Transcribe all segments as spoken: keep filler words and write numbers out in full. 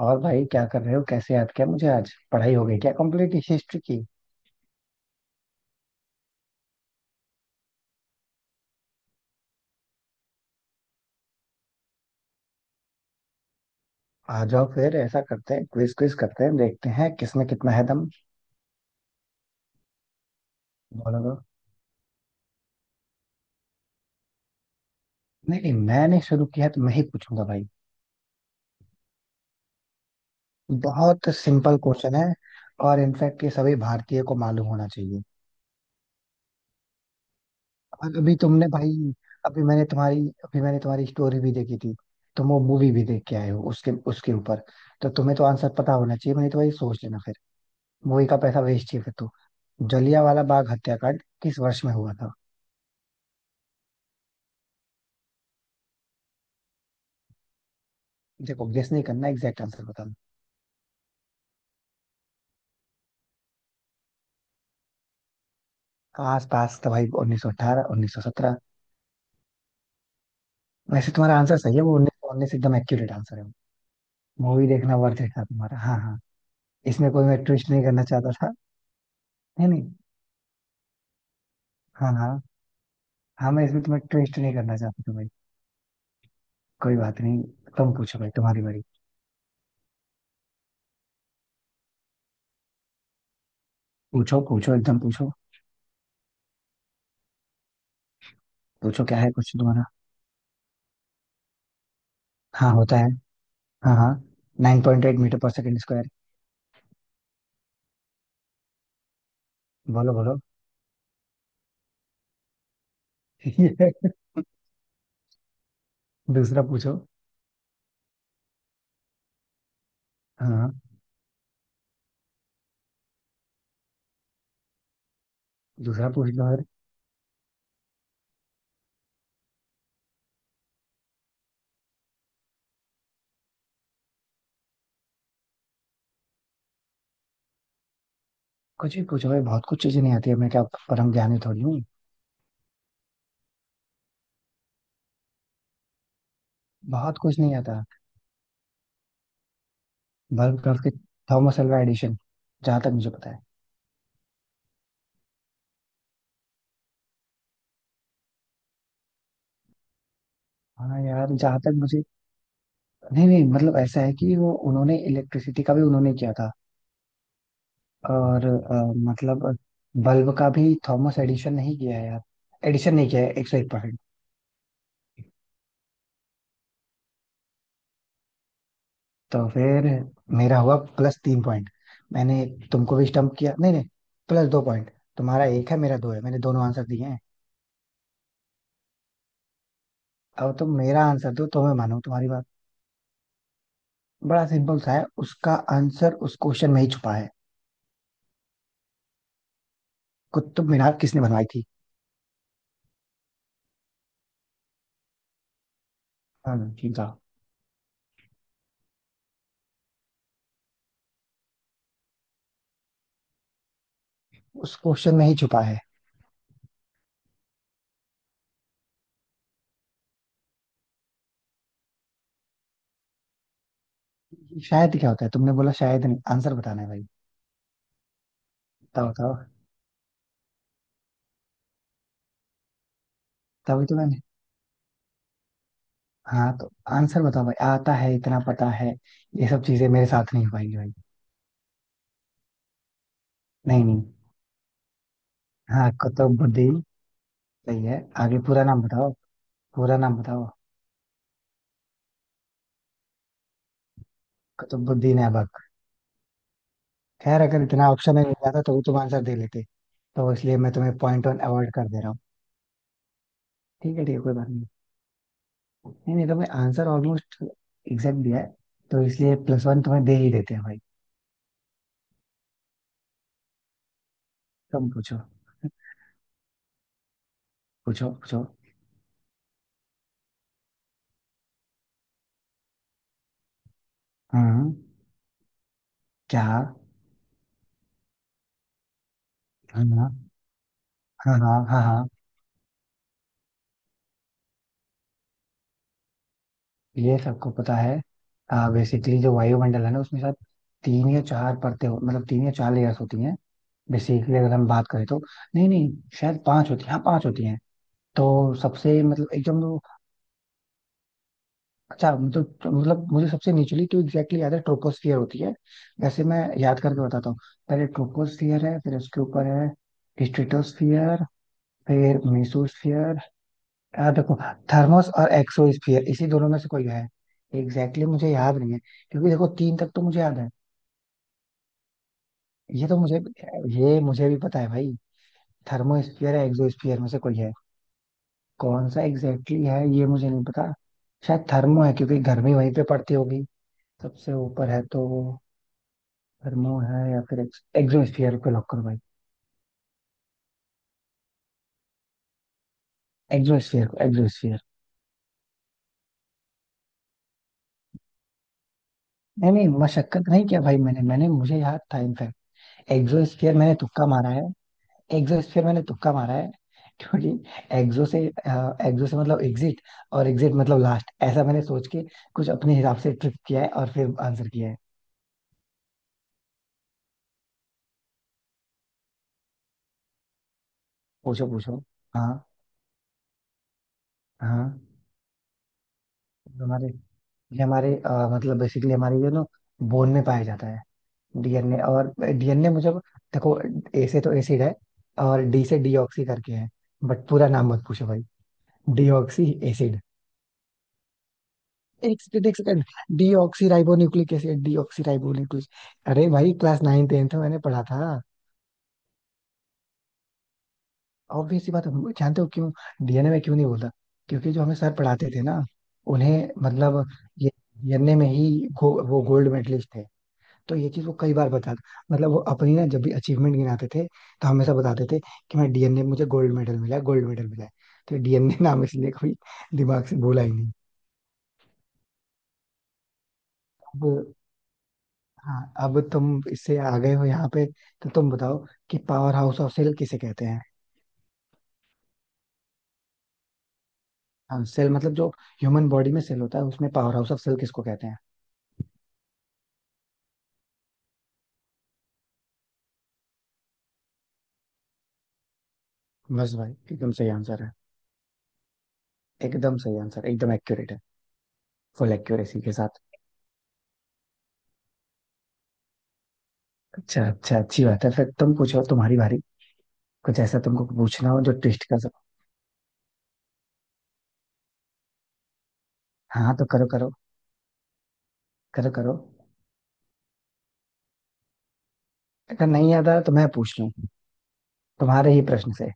और भाई, क्या कर रहे हो? कैसे याद किया मुझे? आज पढ़ाई हो गई क्या, कंप्लीट हिस्ट्री की? आ जाओ, फिर ऐसा करते हैं, क्विज क्विज करते हैं, देखते हैं किसमें कितना है दम। बोलो तो। नहीं नहीं, मैंने शुरू किया है तो मैं ही पूछूंगा भाई। बहुत सिंपल क्वेश्चन है। और इनफैक्ट ये सभी भारतीय को मालूम होना चाहिए। और अभी तुमने भाई, अभी मैंने तुम्हारी, अभी मैंने तुम्हारी स्टोरी भी देखी थी। तुम वो मूवी भी देख के आए हो उसके उसके ऊपर। तो तुम्हें तो आंसर पता होना चाहिए, मैंने तो वही सोच लेना। मूवी का पैसा वेस्ट ही है फिर तो। जलियांवाला बाग हत्याकांड किस वर्ष में हुआ था? देखो, गेस नहीं करना, एग्जैक्ट आंसर बताना। आस पास था भाई, उन्नीस सौ अठारह, उन्नीस सौ सत्रह? वैसे तुम्हारा आंसर सही है, वो उन्नीस सौ उन्नीस एकदम एक्यूरेट आंसर है। मूवी देखना वर्थ था तुम्हारा। हाँ हाँ। इसमें कोई मैं ट्विस्ट नहीं करना चाहता था। नहीं नहीं। हाँ हाँ। हाँ, मैं इसमें तुम्हें ट्विस्ट नहीं करना चाहता था भाई। कोई बात नहीं। तुम पूछो भाई, तुम्हारी बारी। पूछो पूछो, एकदम पूछो। पूछो क्या है कुछ तुम्हारा? हाँ होता है। हाँ हाँ। Nine point eight metre per second square. बोलो बोलो। दूसरा पूछो। हाँ। दूसरा पूछ लो यार। कुछ भी पूछो भाई, बहुत कुछ चीजें नहीं आती है, मैं क्या परम ज्ञानी थोड़ी हूँ। बहुत कुछ नहीं आता। बल्ब कर्व के, थॉमस अल्वा एडिशन, जहां तक मुझे पता है। हाँ यार, जहां तक मुझे, नहीं नहीं, मतलब ऐसा है कि वो उन्होंने इलेक्ट्रिसिटी का भी उन्होंने किया था। और अ, मतलब बल्ब का भी थॉमस एडिशन नहीं किया है यार। एडिशन नहीं किया है, एक सौ एक परसेंट। तो फिर मेरा हुआ प्लस तीन पॉइंट। मैंने तुमको भी स्टम्प किया, नहीं नहीं, प्लस दो पॉइंट। तुम्हारा एक है, मेरा दो है, मैंने दोनों आंसर दिए हैं। अब तुम मेरा आंसर दो तो मैं मानूं तुम्हारी बात। बड़ा सिंपल सा है उसका आंसर, उस क्वेश्चन में ही छुपा है। कुतुब मीनार किसने बनवाई थी? हाँ, ठीक है। उस क्वेश्चन में ही छुपा है। शायद क्या होता है? तुमने बोला शायद, नहीं आंसर बताना है भाई। बताओ बताओ। तभी तो मैंने। हाँ तो आंसर बताओ भाई, आता है इतना पता है। ये सब चीजें मेरे साथ नहीं हो पाएंगी भाई। नहीं नहीं। हाँ, कुतुबुद्दीन। सही है। आगे पूरा नाम बताओ। पूरा नाम बताओ, कुतुबुद्दीन ऐबक। खैर अगर इतना ऑप्शन में मिल जाता तो भी तुम आंसर दे लेते, तो इसलिए मैं तुम्हें पॉइंट वन अवॉइड कर दे रहा हूँ। ठीक है ठीक है, कोई बात नहीं। नहीं नहीं, तुम्हें आंसर ऑलमोस्ट एग्जैक्ट दिया है, तो इसलिए प्लस वन तुम्हें दे ही देते हैं भाई। तुम पूछो। पूछो पूछो। हाँ। क्या? हाँ। हाँ हाँ हाँ हाँ हाँ। ये सबको पता है। बेसिकली जो वायुमंडल है ना, उसमें शायद तीन या चार परतें हो- मतलब तीन या चार लेयर्स होती हैं। बेसिकली अगर हम बात करें तो, नहीं नहीं, शायद पांच होती हैं, हाँ पांच होती हैं। तो सबसे, मतलब एकदम, अच्छा मतलब, मतलब मुझे सबसे निचली तो एग्जैक्टली याद है, ट्रोपोस्फियर होती है। वैसे मैं याद करके बताता हूँ। पहले ट्रोपोस्फियर है, फिर उसके ऊपर है स्ट्रेटोस्फियर, फिर मेसोस्फियर। आ, देखो, थर्मोस और एक्सोस्फियर, इसी दोनों में से कोई है, एग्जैक्टली मुझे याद नहीं है। क्योंकि देखो तीन तक तो मुझे याद है। ये तो मुझे, ये मुझे भी पता है भाई। थर्मोस्फियर है एक्सोस्फियर में से कोई है, कौन सा एग्जैक्टली है ये मुझे नहीं पता। शायद थर्मो है, क्योंकि गर्मी वहीं पे पड़ती होगी, सबसे ऊपर है तो। थर्मो है, या फिर एक्सोस्फीयर को लॉक करो भाई। एक्सोस्फीयर को एक्सोस्फीयर। नहीं नहीं, मशक्कत नहीं किया भाई, मैंने मैंने मुझे याद था इनफैक्ट। एक्सोस्फीयर मैंने तुक्का मारा है। एक्सोस्फीयर मैंने तुक्का मारा है। क्योंकि एक्सो से एक्सो से मतलब एग्जिट, और एग्जिट मतलब लास्ट, ऐसा मैंने सोच के कुछ अपने हिसाब से ट्रिक किया है और फिर आंसर किया है। पूछो पूछो। हाँ हाँ। ये हमारे ये हमारे अ, मतलब बेसिकली हमारे ये ना बोन में पाया जाता है। डीएनए, और डीएनए मुझे, देखो, ए से तो एसिड है, और डी से डीऑक्सी करके है। बट पूरा नाम मत पूछो भाई। Deoxy acid. एक सेकंड एक second. Deoxyribonucleic acid. Deoxyribonucleic. अरे भाई क्लास नाइन टेंथ में मैंने पढ़ा था। ऑब्वियस सी बात है, जानते हो क्यों डीएनए में क्यों नहीं बोलता? क्योंकि जो हमें सर पढ़ाते थे ना, उन्हें मतलब, ये डीएनए में ही, गो, वो गोल्ड मेडलिस्ट थे, तो ये चीज वो कई बार बता, मतलब वो अपनी ना जब भी अचीवमेंट गिनाते थे तो हमेशा बताते थे कि मैं डीएनए में मुझे गोल्ड मेडल मिला है, गोल्ड मेडल मिला है। तो डीएनए नाम इसलिए कोई दिमाग से भूला ही नहीं। अब। हाँ, अब तुम इससे आ गए हो यहाँ पे, तो तुम बताओ कि पावर हाउस ऑफ सेल किसे कहते हैं। हाँ, सेल मतलब जो ह्यूमन बॉडी में सेल होता है उसमें पावर हाउस ऑफ सेल किसको कहते हैं। बस भाई, एकदम सही आंसर है। एकदम सही आंसर, एकदम एक्यूरेट है। फुल एक्यूरेसी के साथ। अच्छा अच्छा, अच्छी बात है, फिर तुम पूछो, तुम्हारी बारी। कुछ ऐसा तुमको पूछना हो जो ट्विस्ट का। हाँ हाँ, तो करो करो, करो करो, अगर नहीं याद आया तो मैं पूछ लूं। तुम्हारे ही प्रश्न से।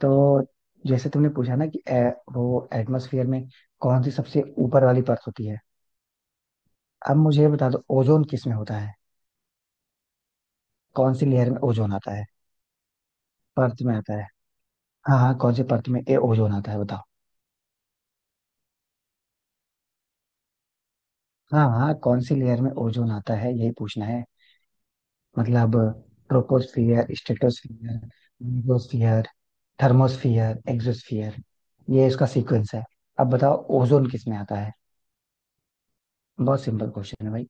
तो जैसे तुमने पूछा ना कि ए, वो एटमॉस्फेयर में कौन सी सबसे ऊपर वाली परत होती है। अब मुझे ये बता दो, ओजोन किस में होता है? कौन सी लेयर में ओजोन आता है? परत में आता है। हाँ हाँ, कौन सी परत में ए ओजोन आता है बताओ। हाँ हाँ, कौन सी लेयर में ओजोन आता है, यही पूछना है, मतलब troposphere, stratosphere, mesosphere, thermosphere, exosphere, ये इसका सीक्वेंस है। अब बताओ ओजोन किस में आता है, बहुत सिंपल क्वेश्चन है भाई।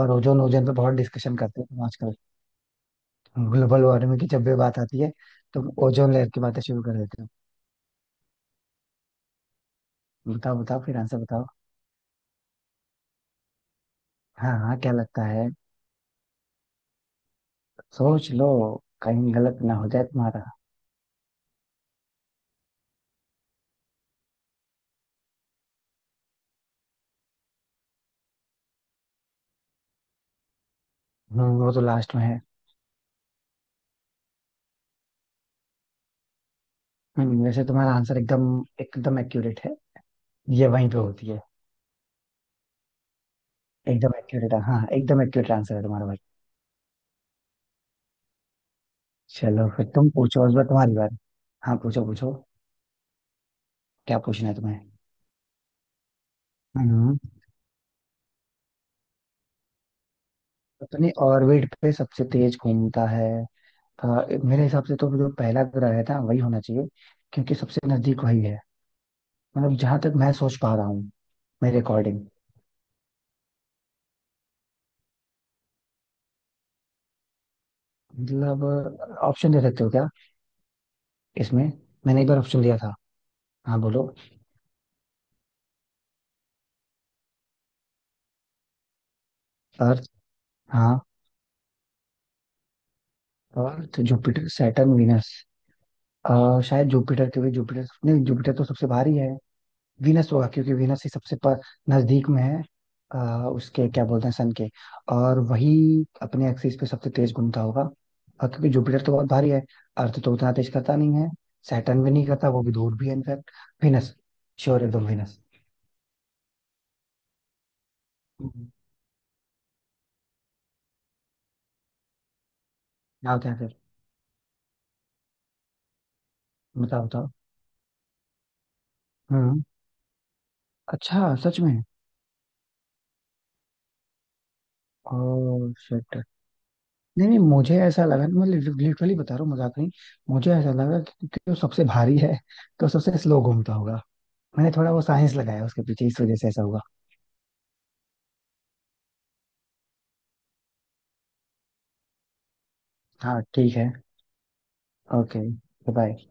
और ओजोन, ओजोन पे बहुत डिस्कशन करते हैं आजकल, ग्लोबल वार्मिंग की जब भी बात आती है तो ओजोन लेयर की बातें शुरू कर देते हो। बताओ बताओ, फिर आंसर बताओ। हाँ हाँ, क्या लगता है, सोच लो, कहीं गलत ना हो जाए तुम्हारा। हम्म, वो तो लास्ट में है। हम्म, वैसे तुम्हारा आंसर एकदम, एकदम एक्यूरेट है, ये वहीं पे होती है। एकदम एक्यूरेट, हाँ एकदम एक्यूरेट आंसर है तुम्हारा भाई। चलो फिर तुम पूछो, इस बार तुम्हारी बार। हाँ, पूछो पूछो। क्या पूछना है तुम्हें? हम्म। अपने ऑर्बिट पे सबसे तेज घूमता है? आ, मेरे हिसाब से तो जो पहला ग्रह है ना वही होना चाहिए, क्योंकि सबसे नजदीक वही है, मतलब जहां तक मैं सोच पा रहा हूँ, मेरे अकॉर्डिंग। मतलब ऑप्शन दे सकते हो क्या इसमें? मैंने एक बार ऑप्शन दिया था। हाँ बोलो। अर्थ। हाँ, अर्थ, जुपिटर, सैटर्न, वीनस। आ, शायद जुपिटर, क्योंकि जुपिटर, नहीं जुपिटर तो सबसे भारी है, वीनस होगा क्योंकि वीनस ही सबसे पर नजदीक में है। अ, उसके क्या बोलते हैं सन के, और वही अपने एक्सिस पे सबसे तेज घूमता होगा, और क्योंकि जुपिटर तो बहुत भारी है, अर्थ तो उतना तेज करता नहीं है, सैटर्न भी नहीं करता, वो भी दूर भी है इनफैक्ट, वीनस, श्योर एकदम वीनस। हम्म। क्या होता है फिर? बताओ बताओ। हम्म। अच्छा, सच में? Oh shit. नहीं नहीं, मुझे ऐसा लगा, मैं लिटरली बता रहा हूँ, मजाक नहीं, मुझे ऐसा लगा कि क्योंकि वो सबसे भारी है तो सबसे स्लो घूमता होगा। मैंने थोड़ा वो साइंस लगाया उसके पीछे, इस वजह से ऐसा हुआ। हाँ ठीक है। ओके। बाय।